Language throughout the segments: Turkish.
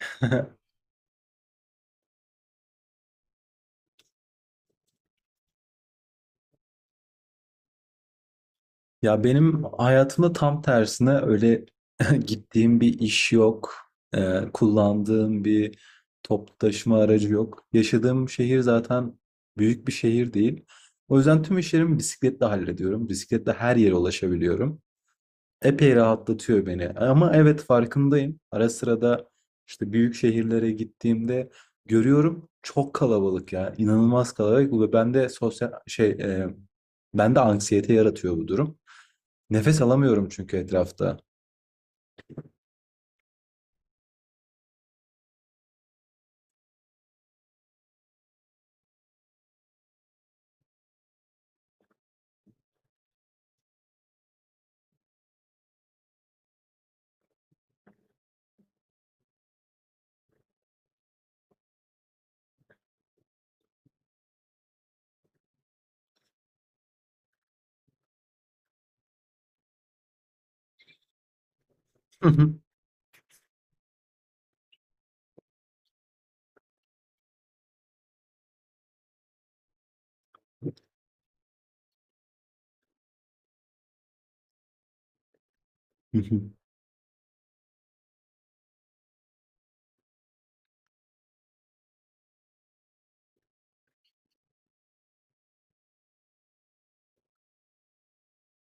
Ya benim hayatımda tam tersine öyle gittiğim bir iş yok, kullandığım bir toplu taşıma aracı yok. Yaşadığım şehir zaten büyük bir şehir değil. O yüzden tüm işlerimi bisikletle hallediyorum. Bisikletle her yere ulaşabiliyorum. Epey rahatlatıyor beni. Ama evet farkındayım. Ara sırada işte büyük şehirlere gittiğimde görüyorum çok kalabalık ya. İnanılmaz kalabalık ve bende sosyal şey e, bende anksiyete yaratıyor bu durum. Nefes alamıyorum çünkü etrafta. Hı hı.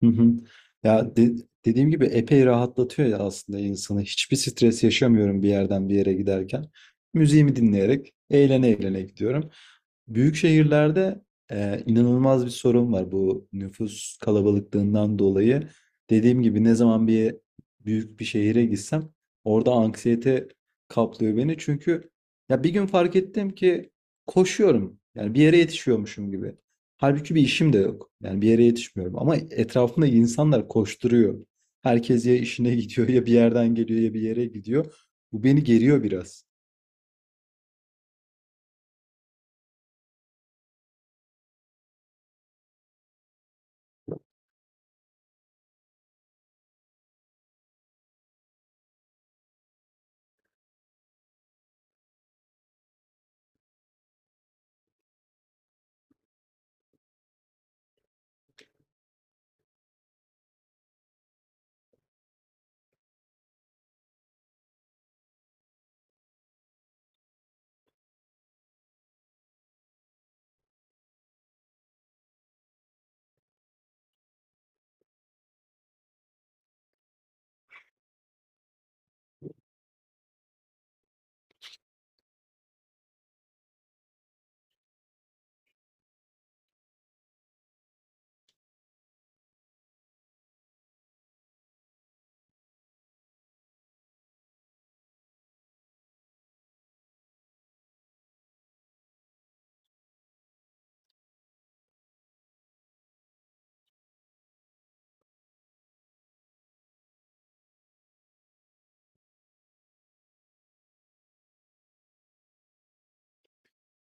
Hı hı. Ya de- Dediğim gibi epey rahatlatıyor ya aslında insanı. Hiçbir stres yaşamıyorum bir yerden bir yere giderken. Müziğimi dinleyerek eğlene eğlene gidiyorum. Büyük şehirlerde inanılmaz bir sorun var bu nüfus kalabalıklığından dolayı. Dediğim gibi ne zaman büyük bir şehire gitsem orada anksiyete kaplıyor beni. Çünkü ya bir gün fark ettim ki koşuyorum. Yani bir yere yetişiyormuşum gibi. Halbuki bir işim de yok. Yani bir yere yetişmiyorum. Ama etrafımda insanlar koşturuyor. Herkes ya işine gidiyor ya bir yerden geliyor ya bir yere gidiyor. Bu beni geriyor biraz.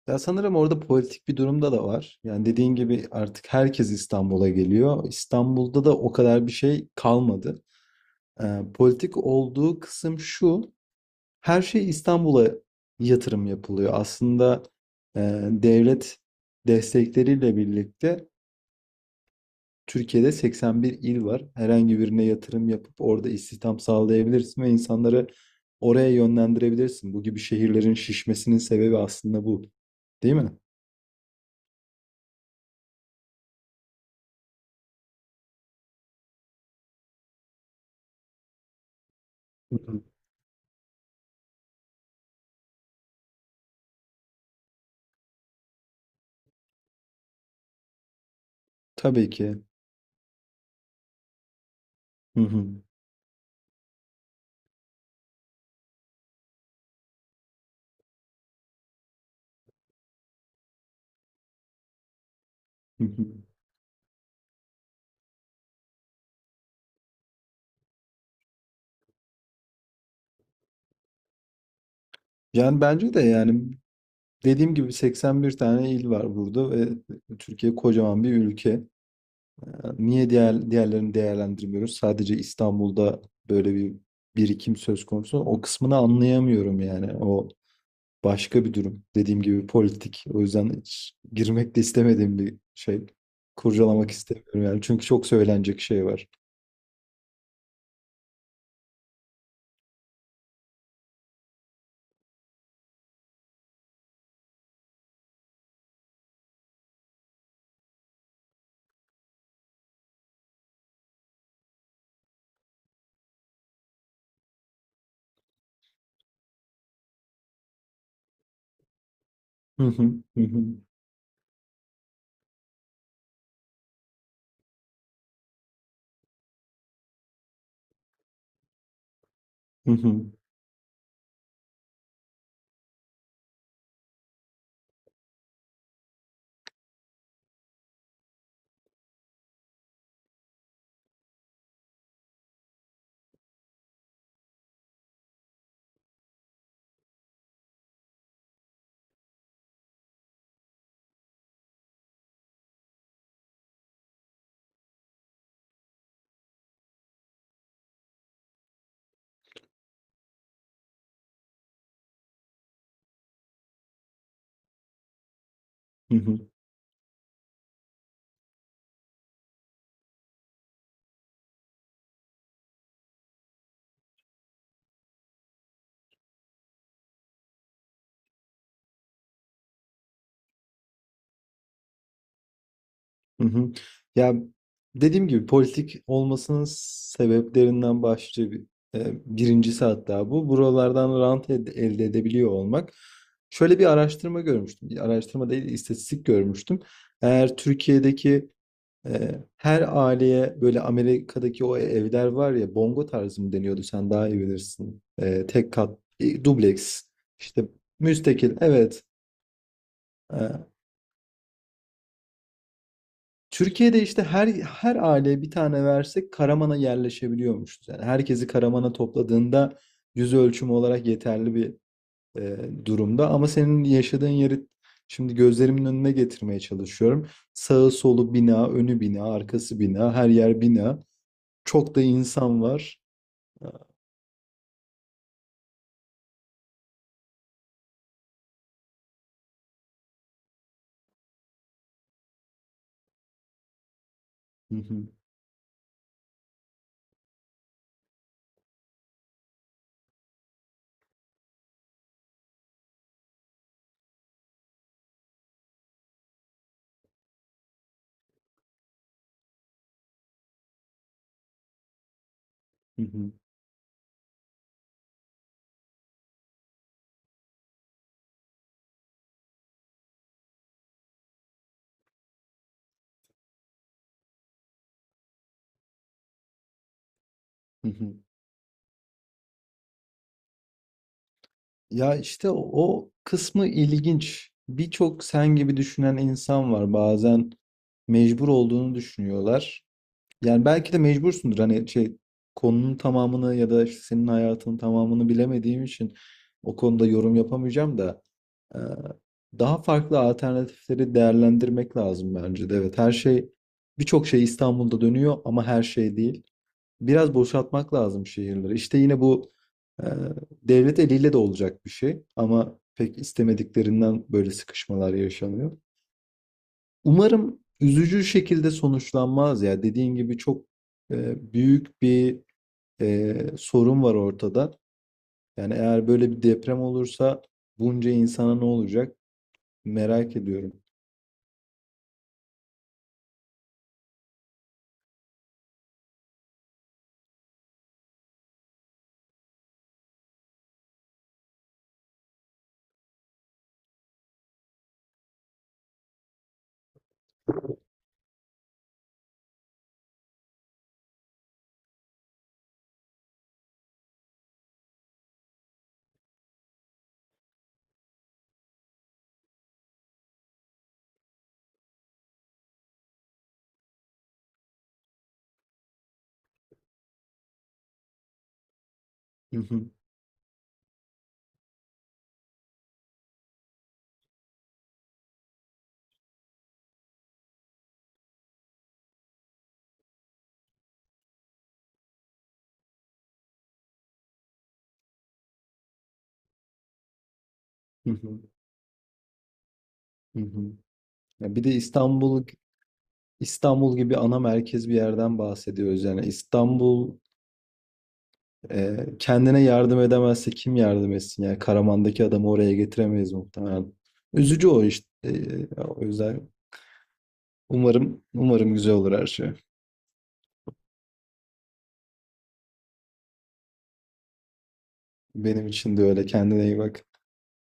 Ya sanırım orada politik bir durumda da var. Yani dediğin gibi artık herkes İstanbul'a geliyor. İstanbul'da da o kadar bir şey kalmadı. Politik olduğu kısım şu. Her şey İstanbul'a yatırım yapılıyor. Aslında e, devlet destekleriyle birlikte Türkiye'de 81 il var. Herhangi birine yatırım yapıp orada istihdam sağlayabilirsin ve insanları oraya yönlendirebilirsin. Bu gibi şehirlerin şişmesinin sebebi aslında bu, değil mi? Hı hı. Tabii ki. Hı hı. Hı hı. Yani bence de yani dediğim gibi 81 tane il var burada ve Türkiye kocaman bir ülke. Ee, Niye diğerlerini değerlendirmiyoruz? Sadece İstanbul'da böyle bir birikim söz konusu. O kısmını anlayamıyorum yani. Başka bir durum. Dediğim gibi politik. O yüzden hiç girmek de istemediğim bir şey. Kurcalamak istemiyorum yani. Çünkü çok söylenecek şey var. Hı hı, hı hı, hı hı, hı hı, hı hı. Ya dediğim gibi politik olmasının sebeplerinden birincisi hatta bu. Elde edebiliyor olmak. Şöyle bir araştırma görmüştüm. Bir araştırma değil, istatistik görmüştüm. Eğer Türkiye'deki Ee, her aileye böyle Amerika'daki o evler var ya bongo tarzı mı deniyordu sen daha iyi bilirsin. Tek kat, dubleks işte müstakil evet. Ee, Türkiye'de işte her aileye bir tane versek Karaman'a yerleşebiliyormuşuz. Yani herkesi Karaman'a topladığında yüz ölçümü olarak yeterli bir e, durumda. Ama senin yaşadığın yeri şimdi gözlerimin önüne getirmeye çalışıyorum. Sağı solu bina, önü bina, arkası bina, her yer bina. Çok da insan var. Ha, hı hı, hı hı, hı hı. Ya işte o kısmı ilginç. Birçok sen gibi düşünen insan var. Bazen mecbur olduğunu düşünüyorlar. Yani belki de mecbursundur. Hani şey konunun tamamını ya da işte senin hayatının tamamını bilemediğim için o konuda yorum yapamayacağım da. Ee, Daha farklı alternatifleri değerlendirmek lazım bence de. Evet, her şey birçok şey İstanbul'da dönüyor ama her şey değil. Biraz boşaltmak lazım şehirleri. İşte yine bu e, devlet eliyle de olacak bir şey ama pek istemediklerinden böyle sıkışmalar yaşanıyor. Umarım üzücü şekilde sonuçlanmaz ya. Dediğin gibi çok büyük bir sorun var ortada. Yani eğer böyle bir deprem olursa bunca insana ne olacak merak ediyorum. Hı hı, hı hı, hı hı. Ya bir de İstanbul gibi ana merkez bir yerden bahsediyoruz. Yani İstanbul kendine yardım edemezse kim yardım etsin? Yani Karaman'daki adamı oraya getiremeyiz muhtemelen. Üzücü o işte. E, o yüzden umarım güzel olur her şey. Benim için de öyle. Kendine iyi bak.